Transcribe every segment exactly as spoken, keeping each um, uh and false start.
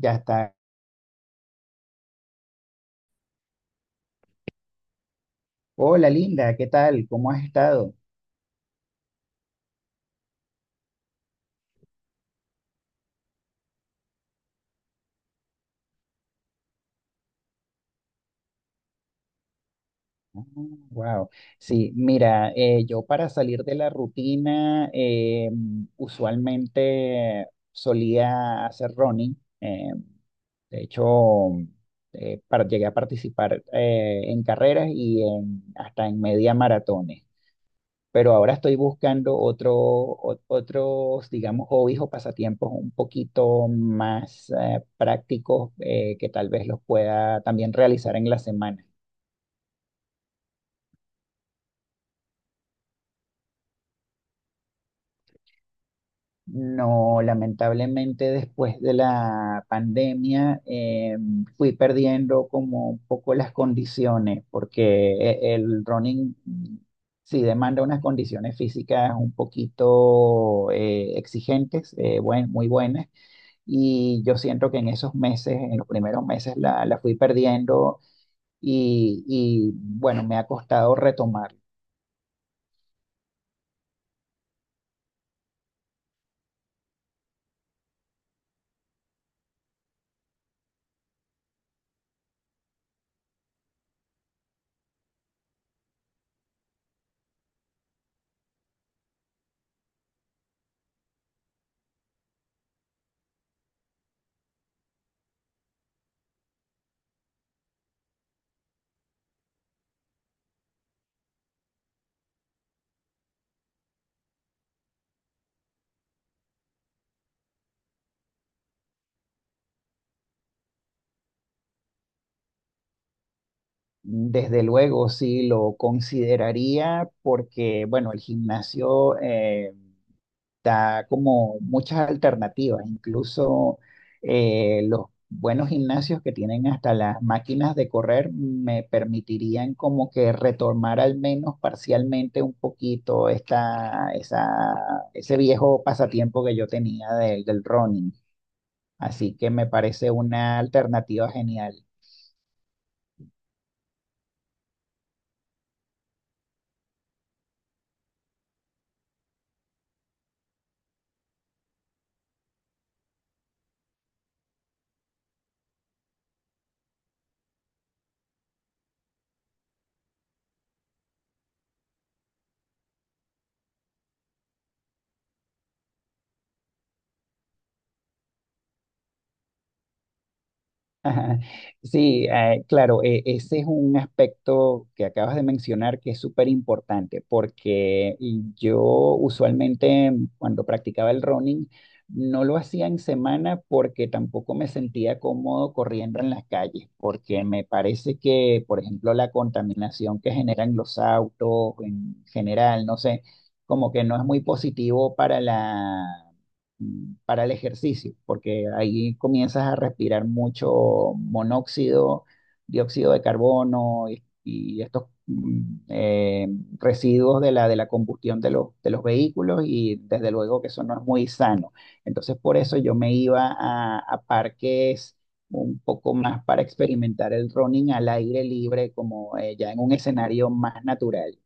Ya está. Hola, Linda, ¿qué tal? ¿Cómo has estado? Wow. Sí, mira, eh, yo para salir de la rutina, eh, usualmente solía hacer running. Eh, de hecho, eh, par- llegué a participar eh, en carreras y en- hasta en media maratón. Pero ahora estoy buscando otro, o- otros, digamos, hobbies o pasatiempos un poquito más eh, prácticos eh, que tal vez los pueda también realizar en la semana. No, lamentablemente después de la pandemia eh, fui perdiendo como un poco las condiciones, porque e- el running mm, sí demanda unas condiciones físicas un poquito eh, exigentes, eh, buen- muy buenas, y yo siento que en esos meses, en los primeros meses, la, la fui perdiendo y, y bueno, me ha costado retomar. Desde luego, sí, lo consideraría porque, bueno, el gimnasio eh, da como muchas alternativas, incluso eh, los buenos gimnasios que tienen hasta las máquinas de correr me permitirían como que retomar al menos parcialmente un poquito esta, esa, ese viejo pasatiempo que yo tenía del, del running. Así que me parece una alternativa genial. Ajá. Sí, eh, claro, e- ese es un aspecto que acabas de mencionar que es súper importante, porque y yo usualmente cuando practicaba el running no lo hacía en semana porque tampoco me sentía cómodo corriendo en las calles, porque me parece que, por ejemplo, la contaminación que generan los autos en general, no sé, como que no es muy positivo para la, para el ejercicio, porque ahí comienzas a respirar mucho monóxido, dióxido de carbono y, y estos mm, eh, residuos de la, de la combustión de los, de los vehículos, y desde luego que eso no es muy sano. Entonces por eso yo me iba a, a parques un poco más para experimentar el running al aire libre, como eh, ya en un escenario más natural.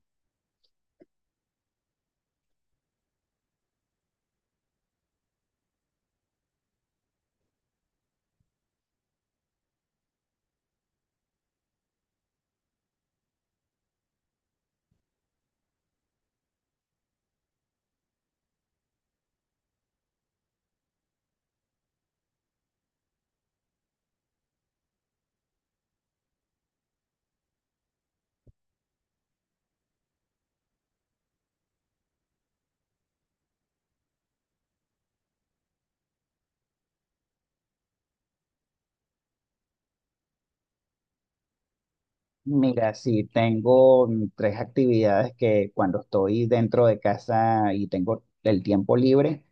Mira, sí, tengo mm, tres actividades que cuando estoy dentro de casa y tengo el tiempo libre,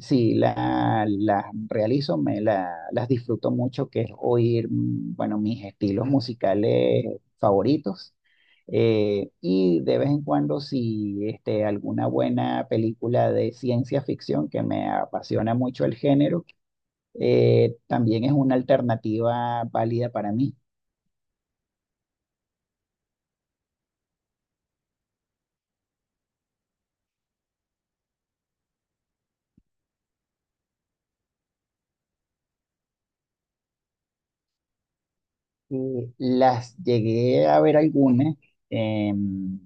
sí, la- las realizo, me la- las disfruto mucho, que es oír, mm, bueno, mis estilos musicales favoritos. Eh, y de vez en cuando, si este, alguna buena película de ciencia ficción, que me apasiona mucho el género, eh, también es una alternativa válida para mí. Eh, las llegué a ver algunas, em,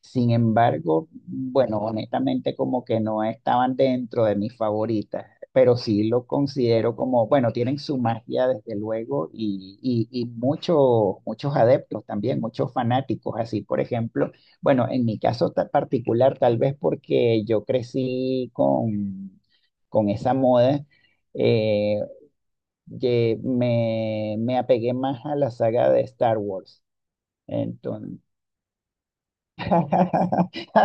sin embargo, bueno, honestamente como que no estaban dentro de mis favoritas, pero sí lo considero como, bueno, tienen su magia desde luego y, y, y muchos, muchos adeptos también, muchos fanáticos, así por ejemplo, bueno, en mi caso ta- particular, tal vez porque yo crecí con, con esa moda. eh, que me, me apegué más a la saga de Star Wars. Entonces,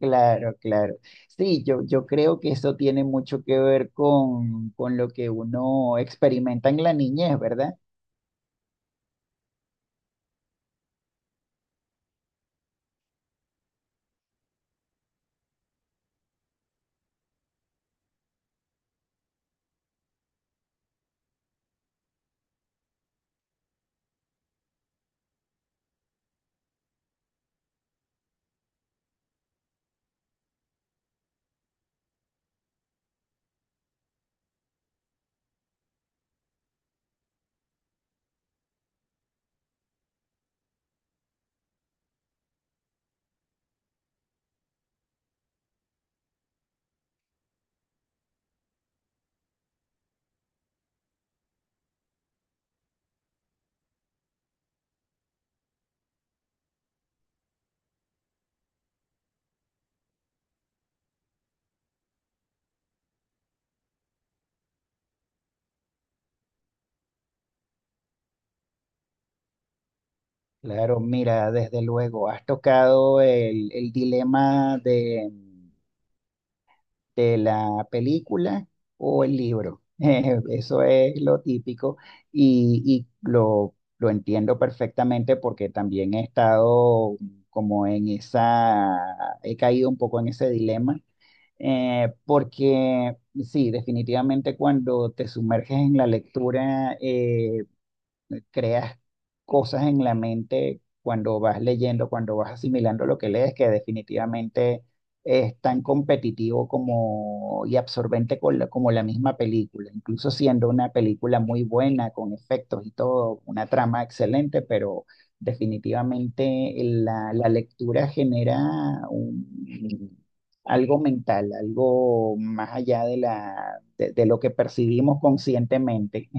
claro, claro. Sí, yo, yo creo que eso tiene mucho que ver con, con lo que uno experimenta en la niñez, ¿verdad? Claro, mira, desde luego, has tocado el, el dilema de, de la película o el libro. Eh, eso es lo típico y, y lo, lo entiendo perfectamente porque también he estado como en esa, he caído un poco en ese dilema, eh, porque sí, definitivamente cuando te sumerges en la lectura, eh, creas cosas en la mente cuando vas leyendo, cuando vas asimilando lo que lees, que definitivamente es tan competitivo como, y absorbente con la- como la misma película, incluso siendo una película muy buena, con efectos y todo, una trama excelente, pero definitivamente la, la lectura genera un, algo mental, algo más allá de la, de de lo que percibimos conscientemente.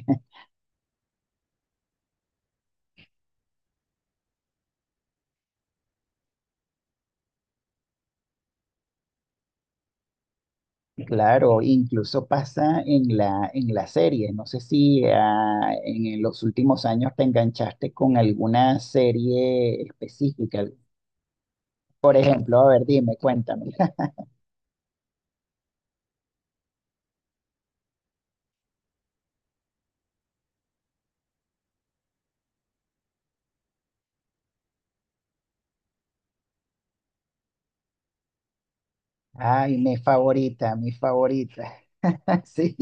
Claro, incluso pasa en la, en la serie. No sé si ah, en, en los últimos años te enganchaste con alguna serie específica. Por ejemplo, a ver, dime, cuéntame. Ay, mi favorita, mi favorita. Sí,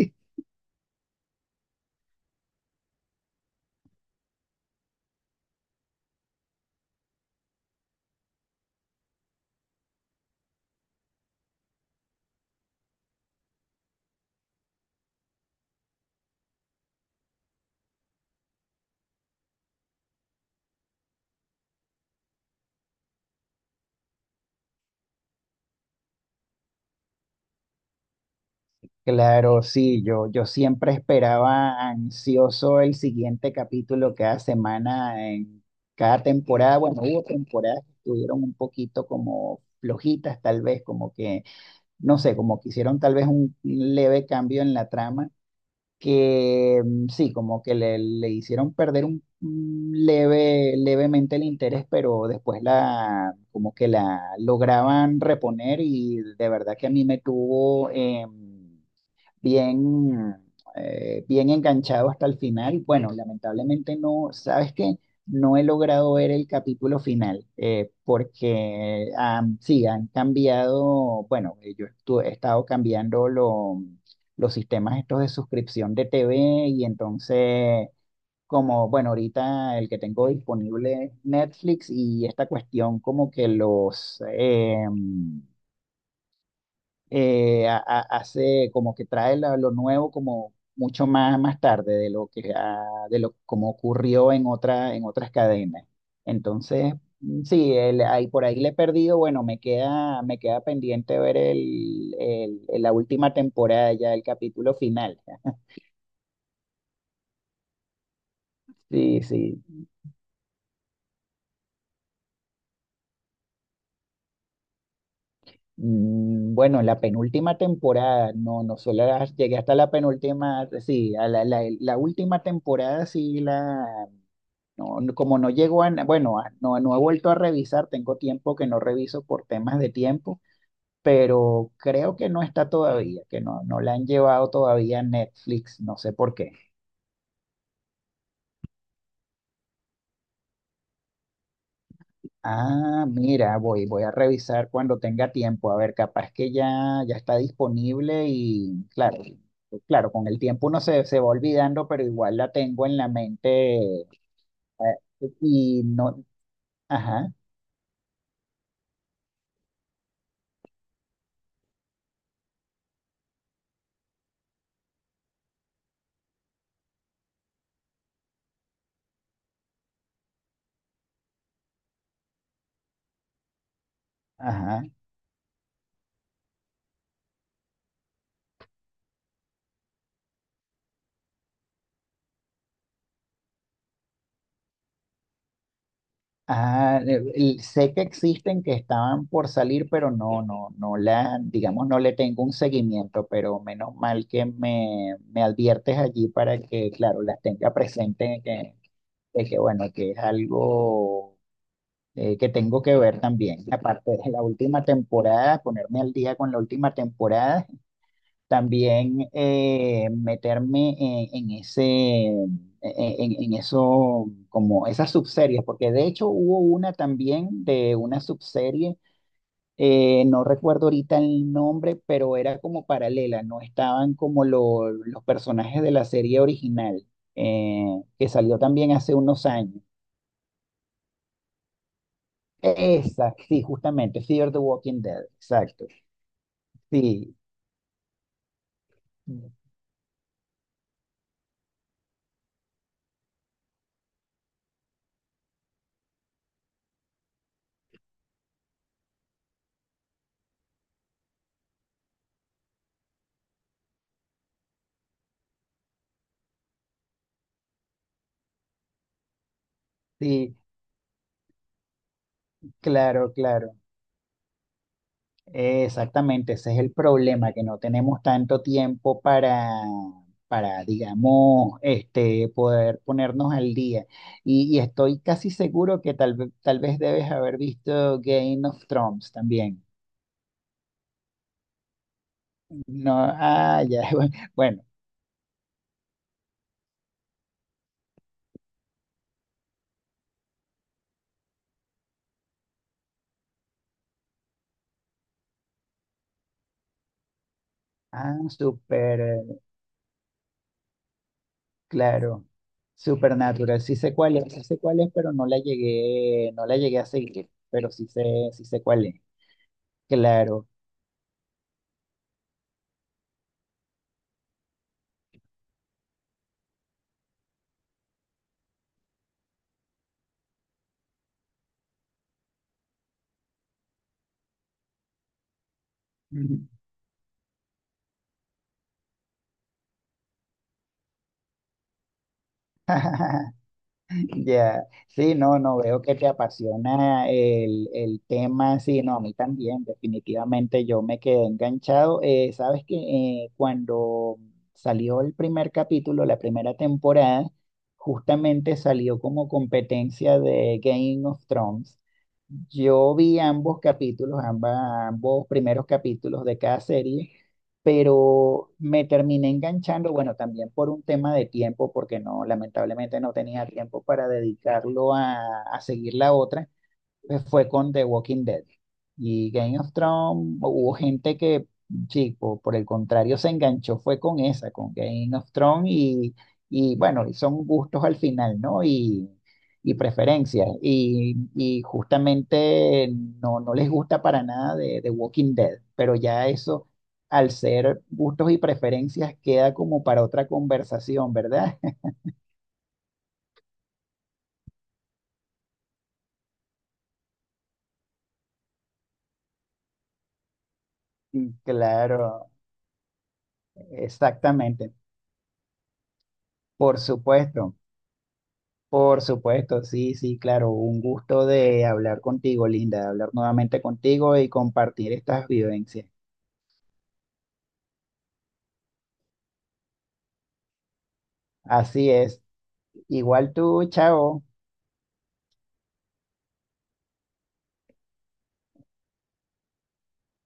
claro, sí, yo, yo siempre esperaba ansioso el siguiente capítulo cada semana en cada temporada. Bueno, hubo temporadas que estuvieron un poquito como flojitas, tal vez, como que no sé, como que hicieron tal vez un leve cambio en la trama, que mm, sí, como que le, le hicieron perder un un leve, levemente el interés, pero después la, como que la lograban reponer y de verdad que a mí me tuvo em, bien, eh, bien enganchado hasta el final. Bueno, lamentablemente no, ¿sabes qué? No he logrado ver el capítulo final eh, porque am, sí, han cambiado, bueno, eh, yo estu- he estado cambiando lo- los sistemas estos de suscripción de T V, y entonces, como, bueno, ahorita el que tengo disponible es Netflix, y esta cuestión como que los em, eh, ha- ha- hace como que trae la- lo nuevo como mucho más, más tarde de lo que ha- de lo como ocurrió en otra, en otras cadenas. Entonces, mm, sí, el, ahí, por ahí le he perdido, bueno, me queda, me queda pendiente ver el, el- el- la última temporada, ya el capítulo final. Sí, sí. Mm, bueno, la penúltima temporada, no, no solo la- llegué hasta la penúltima, sí, a la, la, la última temporada sí la. No, no- como no llegó a, bueno, a- no, no he vuelto a revisar, tengo tiempo que no reviso por temas de tiempo, pero creo que no está todavía, que no, no la han llevado todavía a Netflix, no sé por qué. Ah, mira, voy, voy a revisar cuando tenga tiempo, a ver, capaz que ya, ya está disponible y claro, claro, con el tiempo uno se, se va olvidando, pero igual la tengo en la mente, eh, y no, ajá, ajá. Ah, el- el- sé que existen, que estaban por salir, pero no, no, no la, digamos, no le tengo un seguimiento, pero menos mal que me, me adviertes allí para que, claro, las tenga presente, que, de que bueno, que es algo eh, que tengo que ver también. Aparte de la última temporada, ponerme al día con la última temporada también eh, meterme en, en ese, en, en- en eso, como esas subseries, porque de hecho hubo una también de una subserie, eh, no recuerdo ahorita el nombre, pero era como paralela, no estaban como lo- los personajes de la serie original, eh, que salió también hace unos años. Esa, sí, justamente, Fear the Walking Dead, exacto. Sí, sí, claro, claro. Exactamente, ese es el problema, que no tenemos tanto tiempo para, para, digamos, este, poder ponernos al día. Y, y estoy casi seguro que tal, ve- tal vez debes haber visto Game of Thrones también. No, ah, ya, bueno, ah, súper, eh, claro, Supernatural, sí sé cuál es, sí sé cuál es, pero no la llegué, no la llegué a seguir, pero sí sé, sí sé cuál es, claro. Ya, sí, no, no, veo que te apasiona el, el tema, sí, no, a mí también, definitivamente yo me quedé enganchado. Eh, sabes que eh, cuando salió el primer capítulo, la primera temporada, justamente salió como competencia de Game of Thrones. Yo vi ambos capítulos, ambas, ambos primeros capítulos de cada serie, pero me terminé enganchando, bueno, también por un tema de tiempo, porque no, lamentablemente no tenía tiempo para dedicarlo a, a seguir la otra, eh, fue con The Walking Dead. Y Game of Thrones, hubo gente que, chico, por el contrario, se enganchó, fue con esa, con Game of Thrones, y, y bueno, y son gustos al final, ¿no? Y, y preferencias. Y, y justamente no, no les gusta para nada de, de Walking Dead, pero ya eso, al ser gustos y preferencias, queda como para otra conversación, ¿verdad? Claro, exactamente. Por supuesto. Por supuesto, sí, sí, claro. Un gusto de hablar contigo, Linda, de hablar nuevamente contigo y compartir estas vivencias. Así es. Igual tú, chao.